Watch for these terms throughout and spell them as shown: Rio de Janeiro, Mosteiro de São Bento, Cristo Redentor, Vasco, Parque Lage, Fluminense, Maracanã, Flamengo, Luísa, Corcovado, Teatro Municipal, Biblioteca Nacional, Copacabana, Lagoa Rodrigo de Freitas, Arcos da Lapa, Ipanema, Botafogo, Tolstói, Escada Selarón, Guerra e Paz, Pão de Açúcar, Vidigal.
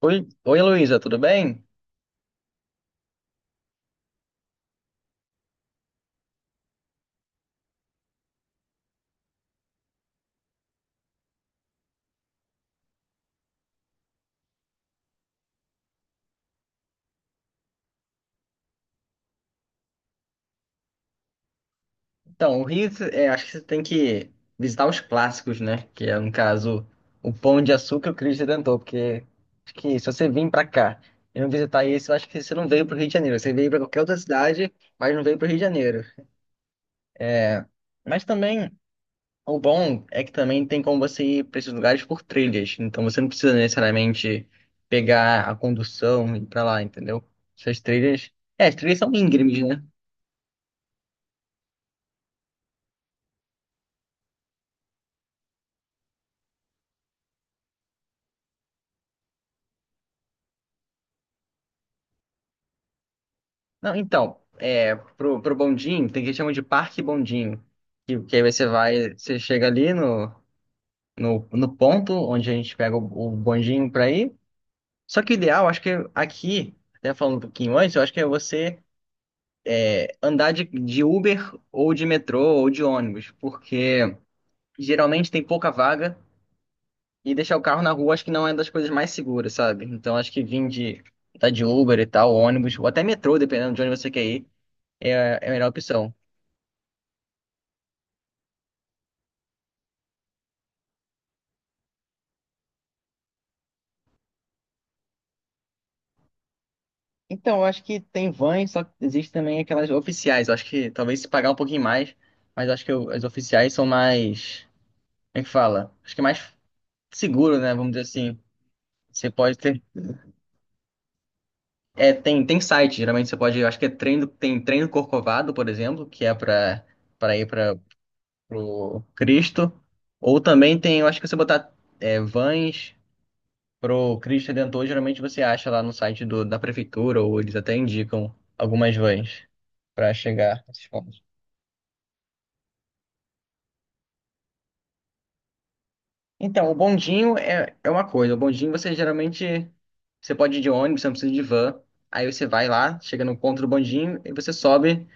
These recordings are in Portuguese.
Oi, oi Luísa, tudo bem? Então, o Rio, acho que você tem que visitar os clássicos, né? Que é, no caso, o Pão de Açúcar e o Cristo Redentor, porque acho que se você vir pra cá e não visitar isso, eu acho que você não veio pro Rio de Janeiro. Você veio pra qualquer outra cidade, mas não veio pro Rio de Janeiro. É, Mas também, o bom é que também tem como você ir pra esses lugares por trilhas. Então, você não precisa necessariamente pegar a condução e ir pra lá, entendeu? Essas trilhas... as trilhas são íngremes, né? Não, então, pro bondinho, tem que chamar de parque bondinho. Que aí você vai, você chega ali no ponto onde a gente pega o bondinho pra ir. Só que o ideal, acho que aqui, até falando um pouquinho antes, eu acho que é você andar de Uber ou de metrô ou de ônibus, porque geralmente tem pouca vaga e deixar o carro na rua acho que não é das coisas mais seguras, sabe? Então acho que vir de, tá de Uber e tal, ônibus, ou até metrô, dependendo de onde você quer ir, é, é a melhor opção. Então, eu acho que tem vans, só que existe também aquelas oficiais. Eu acho que talvez se pagar um pouquinho mais, mas eu acho que as oficiais são mais. Como é que fala? Acho que é mais seguro, né? Vamos dizer assim. Você pode ter. Tem site, geralmente você pode. Eu acho que é treino, tem treino Corcovado, por exemplo, que é pra ir para pro Cristo. Ou também tem, eu acho que você botar vans pro Cristo Redentor, geralmente você acha lá no site do, da prefeitura, ou eles até indicam algumas vans pra chegar a esses pontos. Então, o bondinho é uma coisa. O bondinho você geralmente você pode ir de ônibus, você não precisa de van. Aí você vai lá, chega no ponto do bondinho e você sobe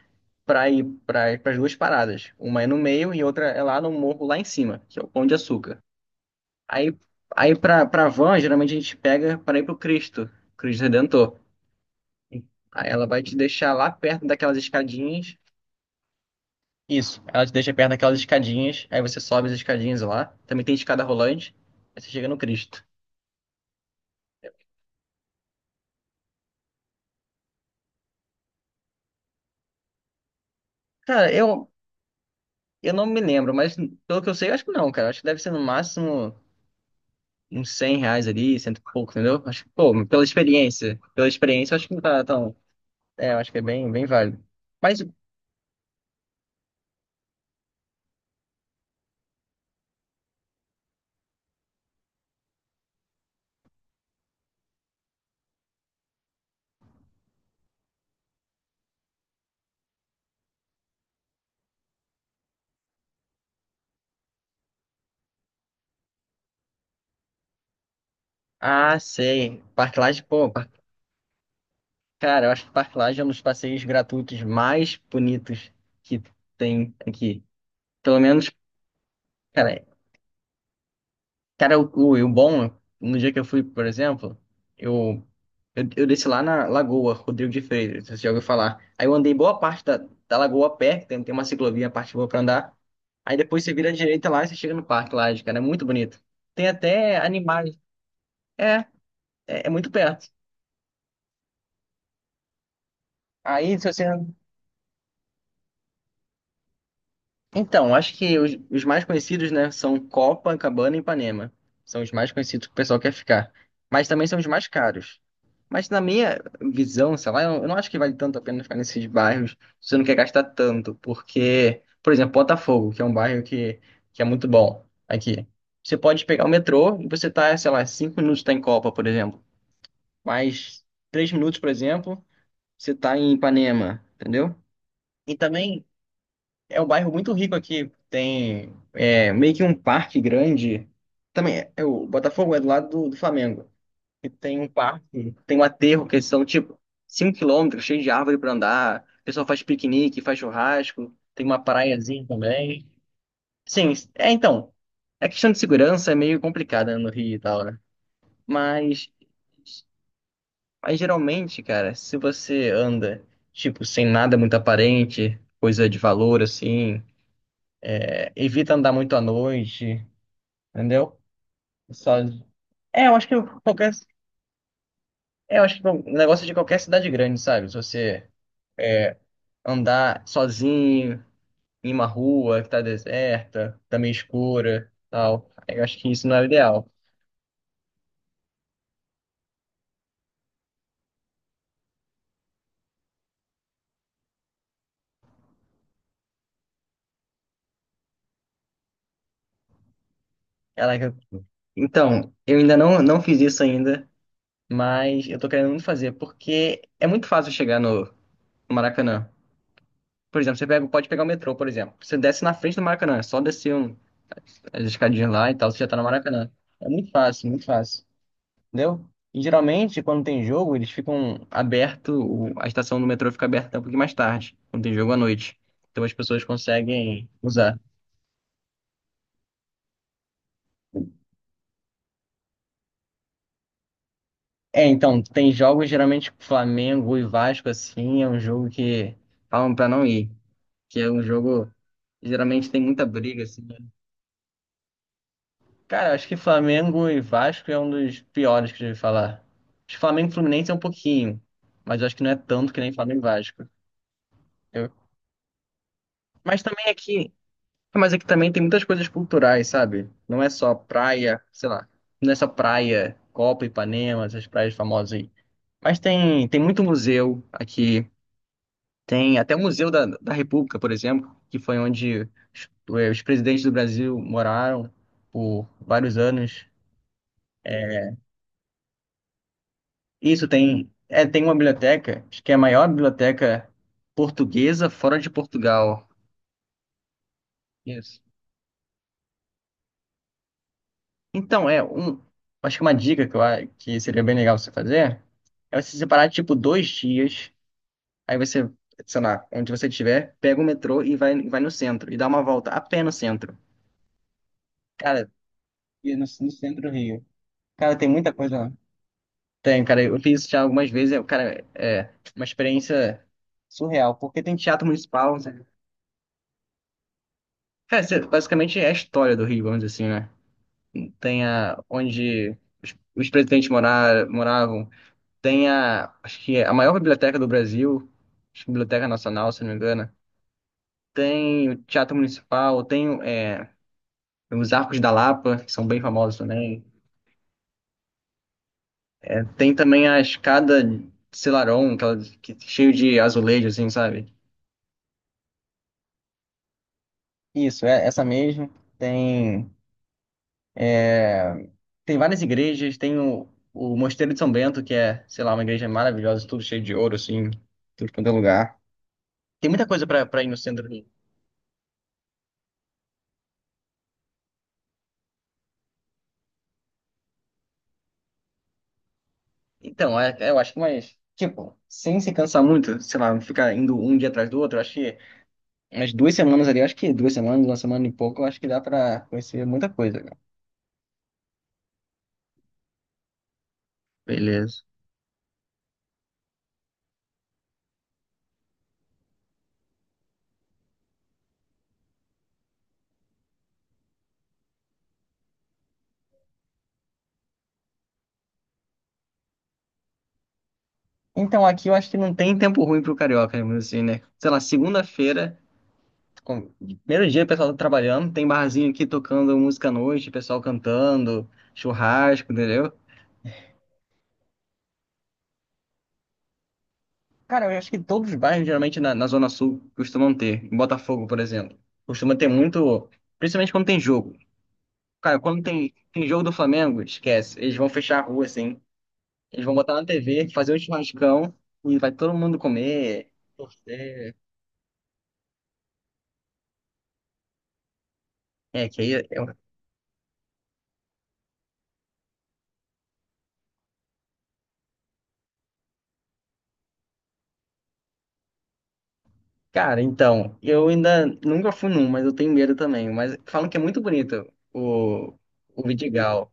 para ir para as duas paradas. Uma é no meio e outra é lá no morro lá em cima, que é o Pão de Açúcar. Aí aí para van, geralmente a gente pega para ir pro Cristo, Cristo Redentor. Aí ela vai te deixar lá perto daquelas escadinhas. Isso, ela te deixa perto daquelas escadinhas, aí você sobe as escadinhas lá. Também tem escada rolante, aí você chega no Cristo. Cara, eu não me lembro, mas pelo que eu sei, eu acho que não, cara. Acho que deve ser no máximo uns R$ 100 ali, cento e pouco, entendeu? Acho que, pô, pela experiência. Pela experiência, eu acho que não tá tão. Eu acho que é bem, bem válido. Mas, ah, sei. Parque Lage, pô, cara, eu acho que Parque Lage é um dos passeios gratuitos mais bonitos que tem aqui. Pelo menos, cara, e o bom, no dia que eu fui, por exemplo, eu, eu desci lá na Lagoa Rodrigo de Freitas, você já ouviu falar. Aí eu andei boa parte da lagoa a pé, tem uma ciclovia, a parte boa pra andar. Aí depois você vira à direita lá e você chega no parque lá, cara, é muito bonito. Tem até animais. É, é muito perto. Aí se você Então, acho que os mais conhecidos, né, são Copacabana e Ipanema. São os mais conhecidos que o pessoal quer ficar. Mas também são os mais caros. Mas na minha visão, sei lá, eu não acho que vale tanto a pena ficar nesses bairros se você não quer gastar tanto. Porque, por exemplo, Botafogo, que é um bairro que é muito bom aqui. Você pode pegar o metrô e você tá, sei lá, 5 minutos tá em Copa, por exemplo. Mais 3 minutos, por exemplo, você tá em Ipanema, entendeu? E também é um bairro muito rico aqui. Tem é, meio que um parque grande. Também é o Botafogo é do lado do Flamengo. E tem um parque, tem um aterro que são tipo 5 km, cheio de árvore para andar. O pessoal faz piquenique, faz churrasco. Tem uma praiazinha também. Sim, é então. A questão de segurança é meio complicada no Rio e tal, né? Mas, mas geralmente, cara, se você anda, tipo, sem nada muito aparente, coisa de valor, assim. Evita andar muito à noite, entendeu? Só... É, eu acho que qualquer. É, eu acho que o negócio é de qualquer cidade grande, sabe? Se você andar sozinho em uma rua que tá deserta, tá meio escura, tal. Eu acho que isso não é o ideal. Caraca, então, eu ainda não fiz isso ainda, mas eu tô querendo muito fazer, porque é muito fácil chegar no Maracanã. Por exemplo, você pega, pode pegar o metrô, por exemplo. Você desce na frente do Maracanã, é só descer as escadinhas lá e tal, você já tá no Maracanã. É muito fácil, muito fácil. Entendeu? E geralmente, quando tem jogo, eles ficam aberto, a estação do metrô fica aberta um pouquinho mais tarde, quando tem jogo à noite. Então as pessoas conseguem usar. É, então, tem jogos geralmente Flamengo e Vasco, assim, é um jogo que falam pra não ir, que é um jogo que geralmente tem muita briga, assim, né? Cara, acho que Flamengo e Vasco é um dos piores que eu já ouvi falar. Acho que Flamengo e Fluminense é um pouquinho, mas eu acho que não é tanto que nem Flamengo e Vasco. Eu- Mas também aqui, mas aqui também tem muitas coisas culturais, sabe? Não é só praia, sei lá, não é só praia, Copa, Ipanema, essas praias famosas aí. Mas tem muito museu aqui. Tem até o Museu da, da República, por exemplo, que foi onde os, os presidentes do Brasil moraram por vários anos. É, isso tem, tem uma biblioteca, acho que é a maior biblioteca portuguesa fora de Portugal. Isso. Então, é um. Acho que uma dica que seria bem legal você fazer é você separar, tipo, 2 dias. Aí você, sei lá, onde você estiver, pega o metrô e vai no centro. E dá uma volta a pé no centro. Cara, e no centro do Rio. Cara, tem muita coisa lá. Tem, cara. Eu fiz isso já algumas vezes. Cara, é uma experiência surreal. Porque tem teatro municipal, sabe? Cara, basicamente é a história do Rio, vamos dizer assim, né? Tem a, onde os presidentes moravam. Tem a, acho que é a maior biblioteca do Brasil, acho que Biblioteca Nacional, se não me engano. Tem o Teatro Municipal, tem os Arcos da Lapa, que são bem famosos também. Tem também a escada Selarón, aquela que, cheio de azulejo, assim, sabe? Isso, é essa mesmo. Tem, tem várias igrejas, tem o Mosteiro de São Bento, que é, sei lá, uma igreja maravilhosa, tudo cheio de ouro, assim, tudo quanto é lugar. Tem muita coisa para ir no centro. Então, eu acho que mais, tipo, sem se cansar muito, sei lá, ficar indo um dia atrás do outro, eu acho que umas 2 semanas ali, eu acho que 2 semanas, uma semana e pouco, eu acho que dá pra conhecer muita coisa, cara. Beleza. Então, aqui eu acho que não tem tempo ruim pro carioca, mesmo assim, né? Sei lá, segunda-feira, com- primeiro dia o pessoal tá trabalhando, tem barzinho aqui tocando música à noite, pessoal cantando, churrasco, entendeu? Cara, eu acho que todos os bairros, geralmente na, na Zona Sul, costumam ter. Em Botafogo, por exemplo, costuma ter muito, principalmente quando tem jogo. Cara, quando tem jogo do Flamengo, esquece. Eles vão fechar a rua, assim. Eles vão botar na TV, fazer um churrascão e vai todo mundo comer, torcer. É, que aí. Eu... Cara, então, eu ainda nunca fui num, mas eu tenho medo também. Mas falam que é muito bonito o, o Vidigal.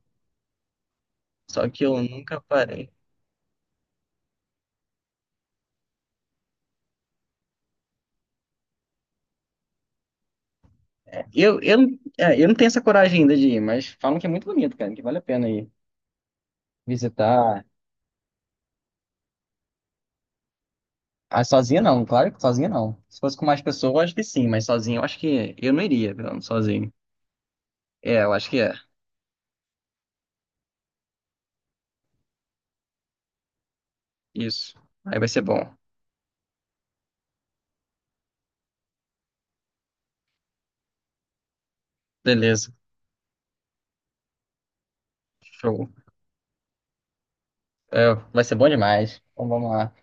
Só que eu nunca parei. Eu não tenho essa coragem ainda de ir, mas falam que é muito bonito, cara, que vale a pena ir visitar. Ah, sozinha não, claro que sozinha não. Se fosse com mais pessoas, eu acho que sim, mas sozinho eu acho que eu não iria, não, sozinho. É, eu acho que é. Isso. Aí vai ser bom. Beleza. Show. É, vai ser bom demais. Então vamos lá.